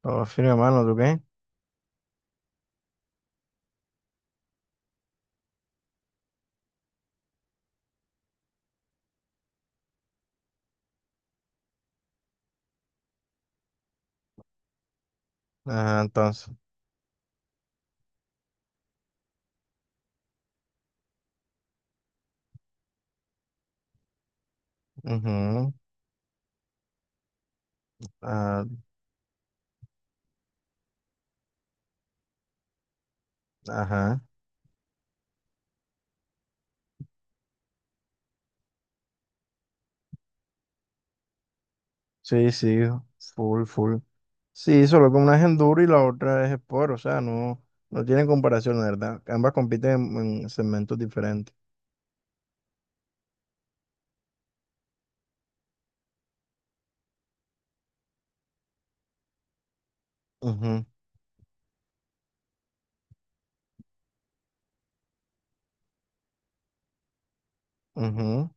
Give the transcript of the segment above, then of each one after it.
Todo firme, mano, ¿tú qué? Ajá, entonces. Ujú. Ah, ajá. Sí, sí, full, full. Sí, solo que una es enduro y la otra es sport, o sea, no, no tienen comparación, la verdad. Ambas compiten en segmentos diferentes. Ujú, ujú.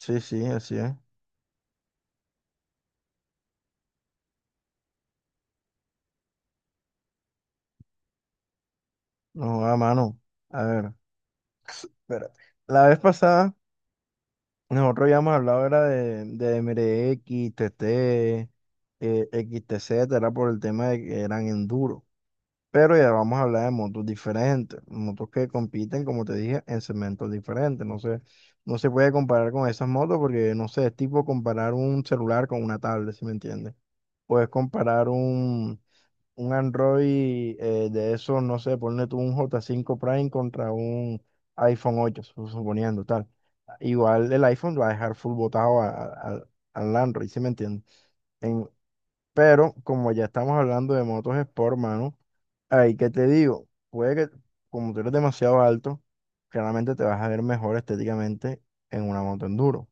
Sí, sí, así es. No, a mano. A ver, espérate. La vez pasada, nosotros ya hemos hablado, era de MRX, TT, XTZ, era por el tema de que eran enduro. Pero ya vamos a hablar de motos diferentes, motos que compiten, como te dije, en segmentos diferentes. No sé, no se puede comparar con esas motos porque, no sé, es tipo comparar un celular con una tablet, ¿si me entiendes? Puedes comparar un Android, de esos, no sé, ponle tú un J5 Prime contra un iPhone 8 suponiendo tal. Igual el iPhone va a dejar full botado al Android, ¿si me entiendes? En- pero como ya estamos hablando de motos Sport, mano. Ahí que te digo, puede que como tú eres demasiado alto, claramente te vas a ver mejor estéticamente en una moto enduro.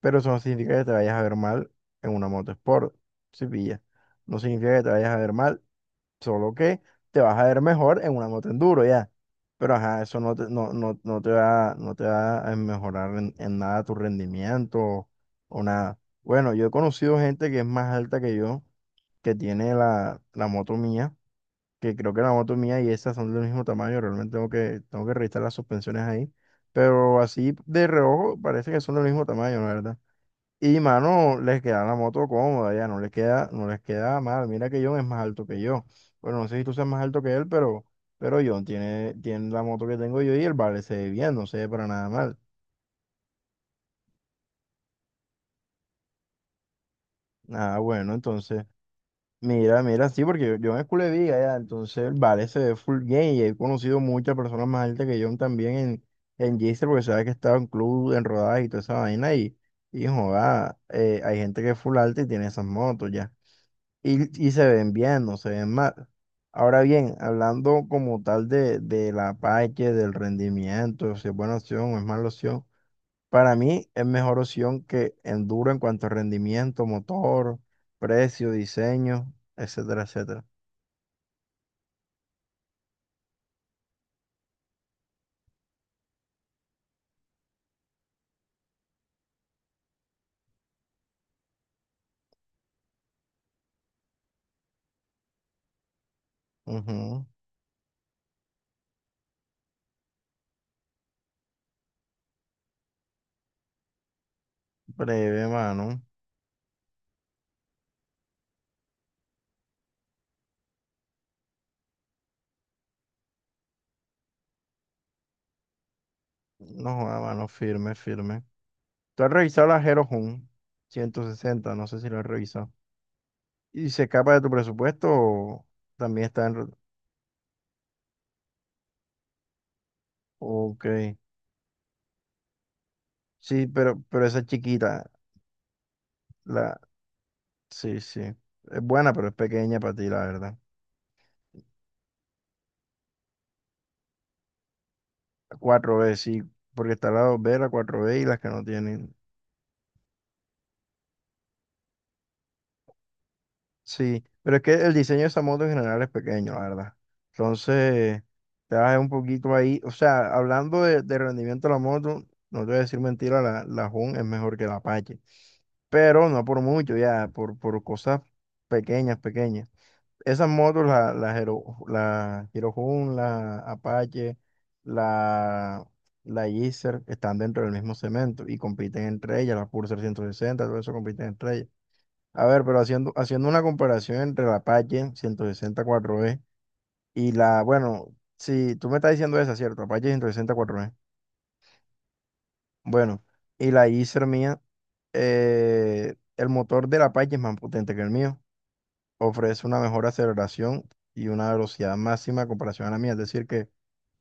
Pero eso no significa que te vayas a ver mal en una moto sport, si pillas. No significa que te vayas a ver mal, solo que te vas a ver mejor en una moto enduro, ya. Pero ajá, eso no te, no, no, no te va, no te va a mejorar en nada tu rendimiento o nada. Bueno, yo he conocido gente que es más alta que yo, que tiene la moto mía, que creo que la moto mía y esa son del mismo tamaño, realmente tengo que revisar las suspensiones ahí, pero así de reojo parece que son del mismo tamaño, la verdad. Y mano, les queda la moto cómoda, ya no les queda mal. Mira que John es más alto que yo. Bueno, no sé si tú seas más alto que él, pero John tiene la moto que tengo yo y el vale se ve bien, no se ve para nada mal. Ah, bueno, entonces. Mira, mira, sí, porque yo me esculé de viga ya, entonces vale, se ve full gay y he conocido muchas personas más altas que yo también en Gisteren, porque sabes que estaba en club, en rodadas y toda esa vaina y joda, hay gente que es full alta y tiene esas motos ya, y se ven bien, no se ven mal. Ahora bien, hablando como tal de la Apache, del rendimiento, si es buena opción o es mala opción. Para mí es mejor opción que Enduro en cuanto a rendimiento, motor, precio, diseño, etcétera, etcétera. Ujú. Breve, mano. No, joda, mano, firme, firme. ¿Tú has revisado la Hero Jun 160? No sé si lo has revisado. ¿Y se escapa de tu presupuesto o también está en. Ok. Sí, pero esa es chiquita, la. Sí, sí. Es buena, pero es pequeña para ti, la verdad. La 4B, sí, porque está la 2B, la 4B y las que no tienen. Sí, pero es que el diseño de esa moto en general es pequeño, la verdad. Entonces, te vas un poquito ahí. O sea, hablando de rendimiento de la moto, no te voy a decir mentira, la Hun es mejor que la Apache. Pero no por mucho, ya, por cosas pequeñas, pequeñas. Esas motos, Hero, la Hero Hun, la Apache, la, la Gixxer, están dentro del mismo cemento y compiten entre ellas. La Pulsar 160, todo eso compiten entre ellas. A ver, pero haciendo una comparación entre la Apache 160 4E y la, bueno, si tú me estás diciendo esa, ¿cierto? Apache 160 4E. Bueno, y la Acer mía, el motor de la Apache es más potente que el mío. Ofrece una mejor aceleración y una velocidad máxima en comparación a la mía. Es decir, que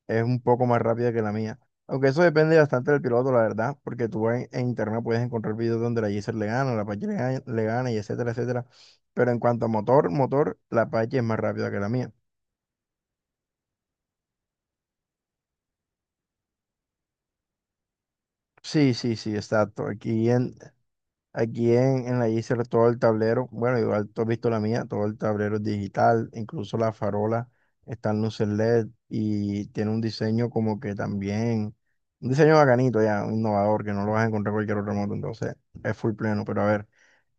es un poco más rápida que la mía. Aunque eso depende bastante del piloto, la verdad, porque tú en internet puedes encontrar videos donde la Geyser le gana, la Apache le gana y etcétera, etcétera. Pero en cuanto a motor, motor, la Apache es más rápida que la mía. Sí, sí, sí, exacto. Aquí en la Yser todo el tablero, bueno, igual tú has visto la mía, todo el tablero es digital, incluso la farola está en luces LED y tiene un diseño como que también, un diseño bacanito ya, un innovador, que no lo vas a encontrar en cualquier otro moto, entonces es full pleno, pero a ver,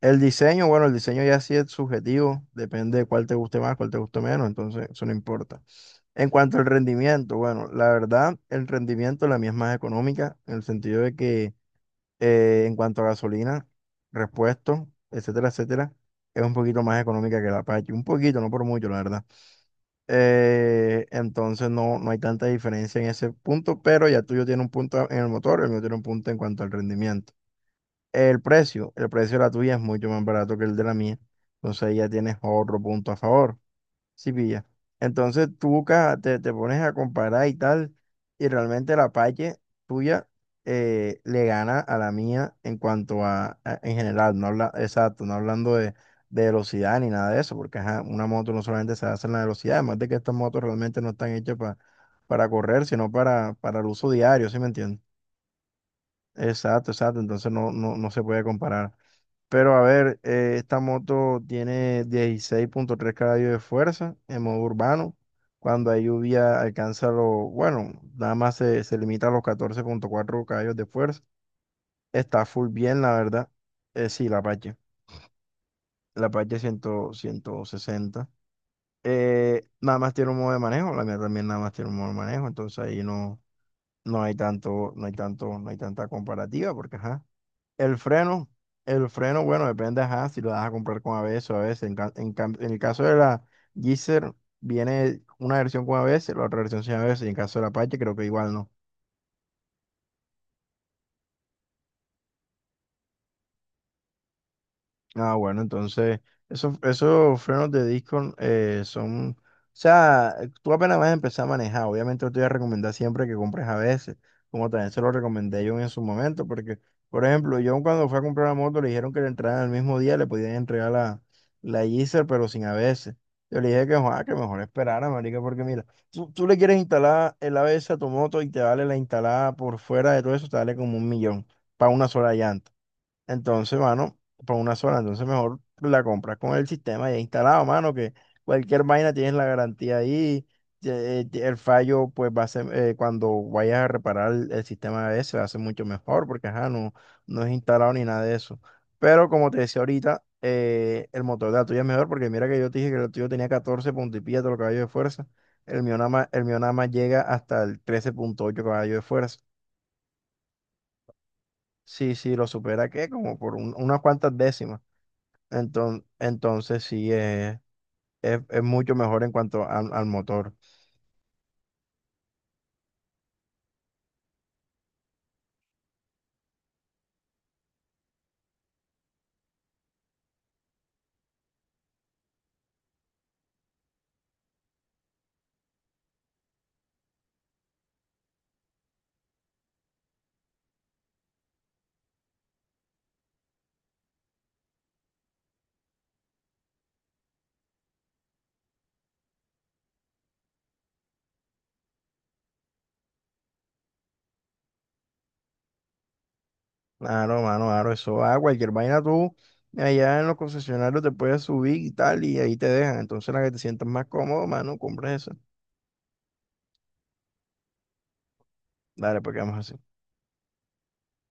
el diseño, bueno, el diseño ya sí es subjetivo, depende de cuál te guste más, cuál te guste menos, entonces eso no importa. En cuanto al rendimiento, bueno, la verdad, el rendimiento la mía es más económica, en el sentido de que, en cuanto a gasolina, repuestos, etcétera, etcétera, es un poquito más económica que la Apache. Un poquito, no por mucho, la verdad. Entonces no, no hay tanta diferencia en ese punto, pero ya el tuyo tiene un punto en el motor, el mío tiene un punto en cuanto al rendimiento. El precio de la tuya es mucho más barato que el de la mía, entonces ahí ya tienes otro punto a favor. Sí, pilla. Entonces tú buscas, te pones a comparar y tal, y realmente la Apache tuya, le gana a la mía en cuanto a, en general, no habla, exacto, no hablando de velocidad ni nada de eso, porque ajá, una moto no solamente se hace en la velocidad, además de que estas motos realmente no están hechas para correr, sino para el uso diario, ¿sí me entiendes? Exacto, exacto, entonces no, no, no se puede comparar. Pero a ver, esta moto tiene 16.3 caballos de fuerza en modo urbano. Cuando hay lluvia alcanza bueno, nada más se limita a los 14.4 caballos de fuerza. Está full bien, la verdad. Sí, la Apache. La Apache 160. Nada más tiene un modo de manejo. La mía también nada más tiene un modo de manejo. Entonces ahí no, no hay tanta comparativa porque, ajá. El freno, el freno, bueno, depende, ajá, si lo vas a comprar con ABS o a ABS. En, ca- en cam- en el caso de la Gixxer, viene una versión con ABS, la otra versión sin ABS. Y en caso de la Apache, creo que igual no. Ah, bueno, entonces, esos frenos de disco, o sea, tú apenas vas a empezar a manejar, obviamente yo te voy a recomendar siempre que compres a veces, como también se lo recomendé yo en su momento, porque, por ejemplo, yo cuando fui a comprar la moto le dijeron que le entraran el mismo día, le podían entregar la Yeezer, pero sin a veces. Yo le dije que: "Joa, que mejor esperara, marica, porque mira, tú le quieres instalar el ABS a tu moto y te vale la instalada por fuera de todo eso, te vale como un millón para una sola llanta". Entonces, mano, por una sola, entonces mejor la compras con el sistema ya instalado, mano, que cualquier vaina tienes la garantía ahí. El fallo, pues va a ser, cuando vayas a reparar el sistema ese, va a ser mucho mejor porque ajá, no, no es instalado ni nada de eso. Pero como te decía ahorita, el motor de la tuya es mejor porque mira que yo te dije que el tuyo tenía 14 punto y pilla de los caballos de fuerza. El mío nada más llega hasta el 13.8 caballos de fuerza. Sí, sí, lo supera que como por unas cuantas décimas. Entonces sí, es mucho mejor en cuanto al motor. Claro, mano, claro, eso cualquier vaina tú allá en los concesionarios te puedes subir y tal, y ahí te dejan. Entonces la que te sientas más cómodo, mano, compras eso. Dale, pues quedamos así.